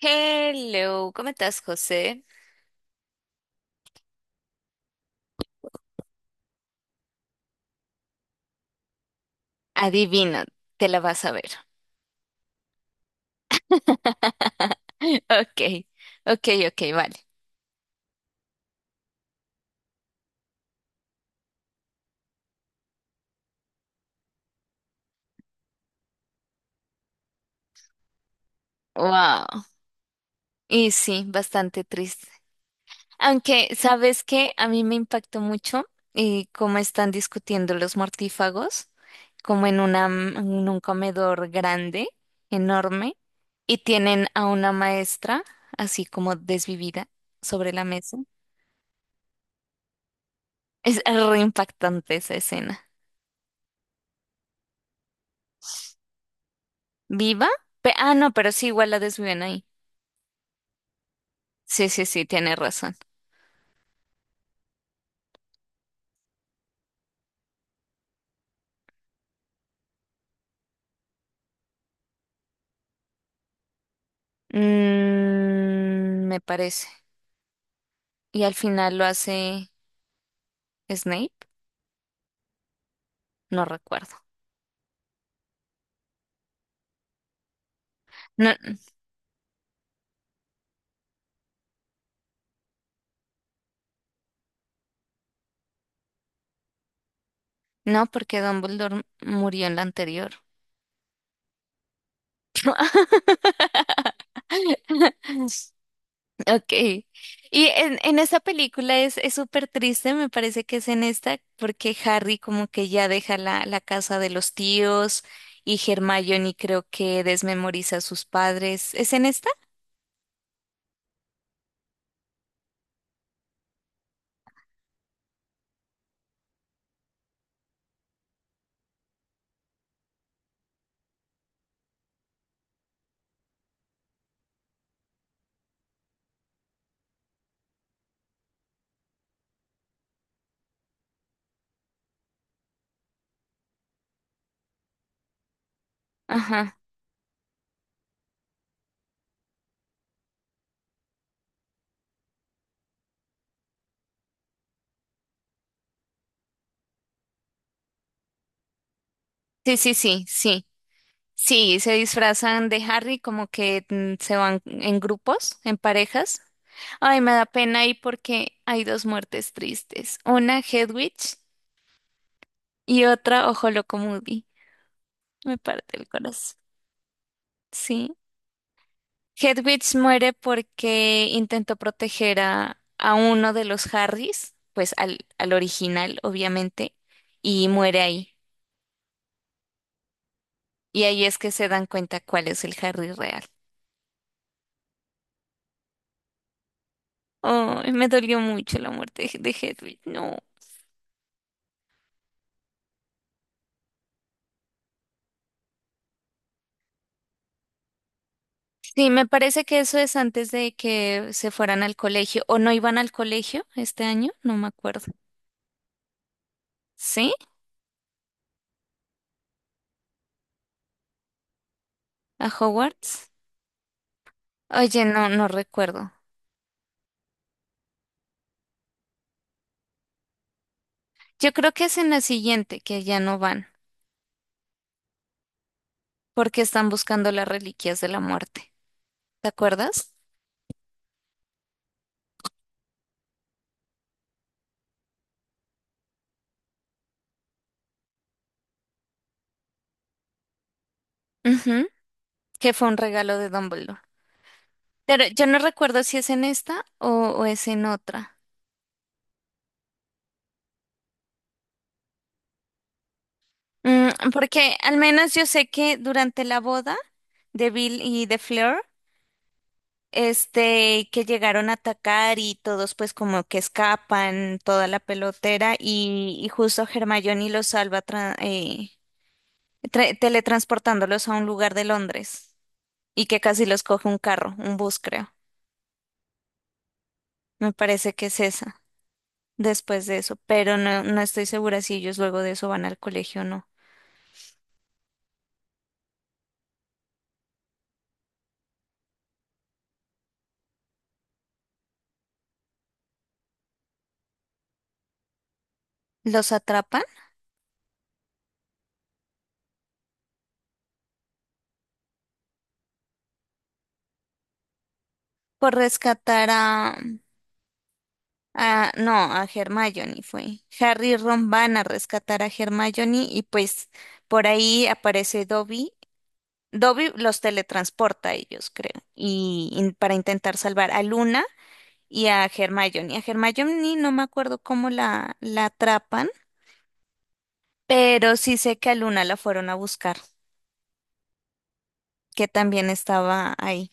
Hello, ¿cómo estás, José? Adivina, te la vas a ver. Ok, ok, ok, vale. Wow. Y sí, bastante triste. Aunque, ¿sabes qué? A mí me impactó mucho y cómo están discutiendo los mortífagos, como en un comedor grande, enorme, y tienen a una maestra, así como desvivida, sobre la mesa. Es re impactante esa escena. ¿Viva? No, pero sí, igual la desviven ahí. Sí, sí, sí, tiene razón. Mm, me parece. Y al final lo hace Snape, no recuerdo. No, no, porque Dumbledore murió en la anterior. Ok. Y en esa película es súper triste, me parece que es en esta, porque Harry como que ya deja la casa de los tíos y Hermione creo que desmemoriza a sus padres. ¿Es en esta? Ajá. Sí, sí, sí, sí. Sí, se disfrazan de Harry como que se van en grupos, en parejas. Ay, me da pena ahí porque hay dos muertes tristes. Una Hedwig y otra Moody. Me parte el corazón. Sí. Hedwig muere porque intentó proteger a uno de los Harrys, pues al original, obviamente, y muere ahí. Y ahí es que se dan cuenta cuál es el Harry real. Ay, me dolió mucho la muerte de Hedwig. No. Sí, me parece que eso es antes de que se fueran al colegio o no iban al colegio este año, no me acuerdo. ¿Sí? ¿A Hogwarts? Oye, no, no recuerdo. Yo creo que es en la siguiente que ya no van porque están buscando las reliquias de la muerte. ¿Te acuerdas? Ujú, que fue un regalo de Dumbledore. Pero yo no recuerdo si es en esta o es en otra. Mm, porque al menos yo sé que durante la boda de Bill y de Fleur, este, que llegaron a atacar y todos pues como que escapan toda la pelotera y justo Hermione los salva teletransportándolos a un lugar de Londres y que casi los coge un carro, un bus creo. Me parece que es esa, después de eso, pero no, no estoy segura si ellos luego de eso van al colegio o no. ¿Los atrapan? Por rescatar a... Ah, no, a Hermione fue. Harry y Ron van a rescatar a Hermione y pues por ahí aparece Dobby. Dobby los teletransporta a ellos, creo, y para intentar salvar a Luna y a Hermione. A Hermione no me acuerdo cómo la atrapan, pero sí sé que a Luna la fueron a buscar, que también estaba ahí.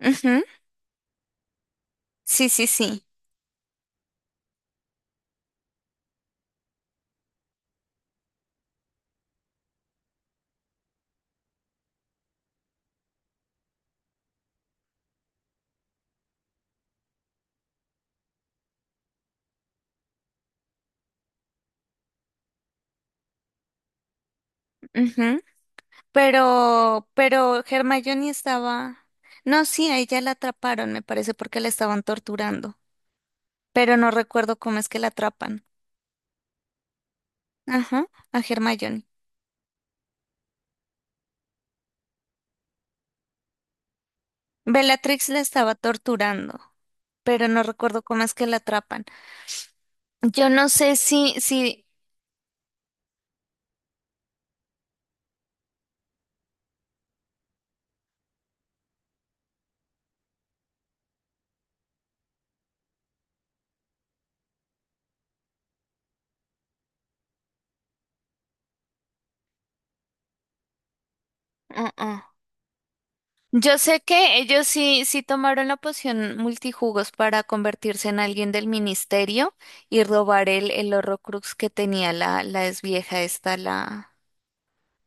Ujú, sí, sí, sí. Pero Hermione estaba. No, sí, a ella la atraparon, me parece, porque la estaban torturando. Pero no recuerdo cómo es que la atrapan. Ajá, a Hermione. Bellatrix la estaba torturando, pero no recuerdo cómo es que la atrapan. Yo no sé si. uh, uh. Yo sé que ellos sí, sí tomaron la poción multijugos para convertirse en alguien del ministerio y robar el Horrocrux que tenía la ex vieja esta, la,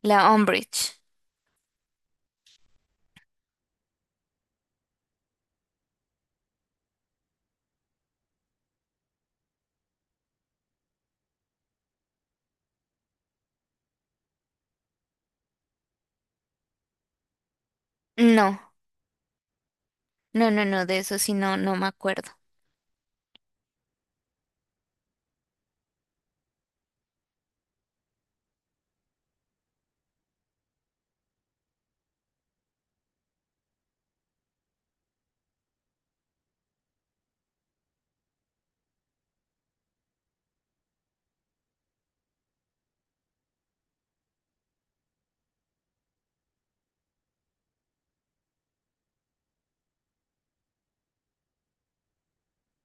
la Umbridge. No, no, no, no, de eso sí no, no me acuerdo.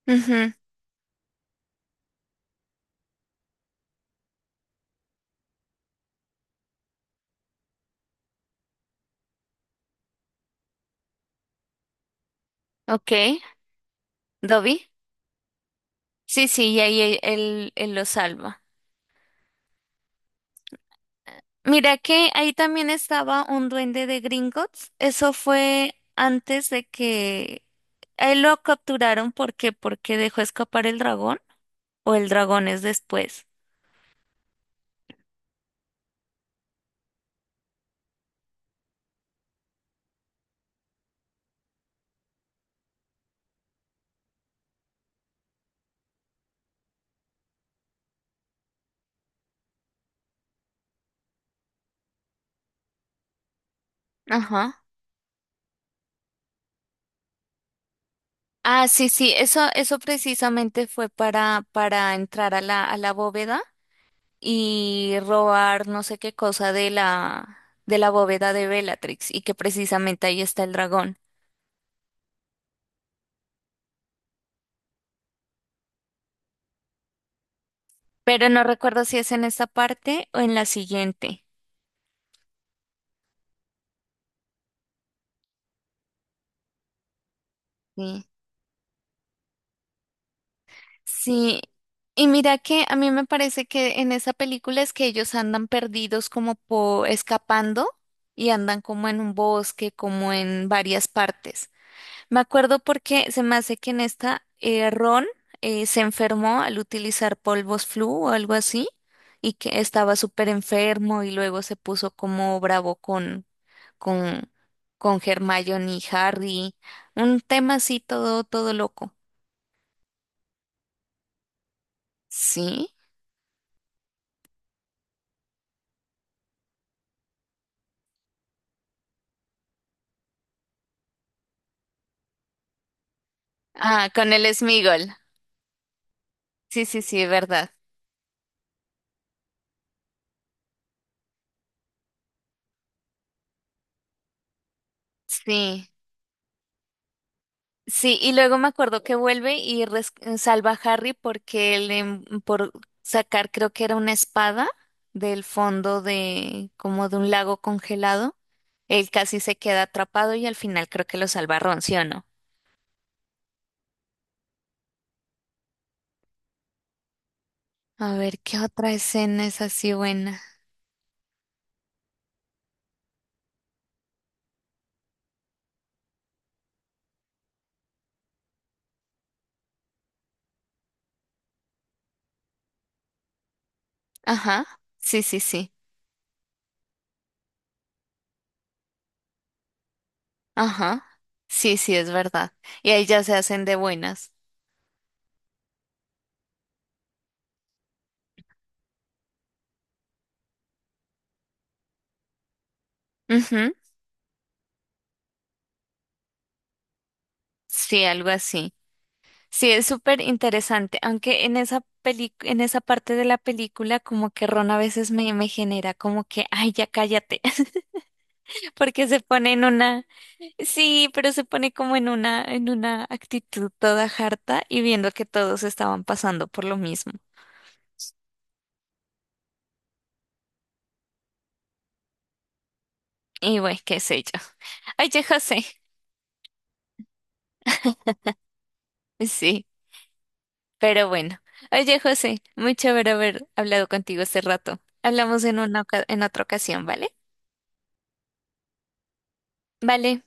Ujú, Ok, Dobby. Sí, sí, y ahí él lo salva. Mira que ahí también estaba un duende de Gringotts. Eso fue antes de que a él lo capturaron porque dejó escapar el dragón o el dragón es después. Ajá. Ah, sí, sí, eso precisamente fue para entrar a a la bóveda, y robar no sé qué cosa de la bóveda de Bellatrix y que precisamente ahí está el dragón. Pero no recuerdo si es en esta parte o en la siguiente. Sí. Sí. Y mira que a mí me parece que en esa película es que ellos andan perdidos como por escapando y andan como en un bosque, como en varias partes. Me acuerdo porque se me hace que en esta Ron se enfermó al utilizar polvos flu o algo así y que estaba súper enfermo y luego se puso como bravo con, con Hermione y Harry. Un tema así todo loco. ¿Sí? Ah, con el Smigol. Sí, sí, sí, verdad. Sí. Sí, y luego me acuerdo que vuelve y salva a Harry porque él, por sacar, creo que era una espada del fondo de, como de un lago congelado, él casi se queda atrapado y al final creo que lo salva Ron, ¿sí o no? A ver, ¿qué otra escena es así buena? Ajá, sí, sí, sí, ajá, sí, sí, es verdad. Y ahí ya se hacen de buenas. Ujú, sí, algo así. Sí, es súper interesante, aunque en esa en esa parte de la película como que Ron a veces me genera como que, ay, ya cállate, porque se pone en una, sí, pero se pone como en una actitud toda harta y viendo que todos estaban pasando por lo mismo. Y bueno, qué sé yo. Oye, José, sí, pero bueno. Oye, José, muy chévere haber hablado contigo este rato. Hablamos en una, en otra ocasión, ¿vale? Vale.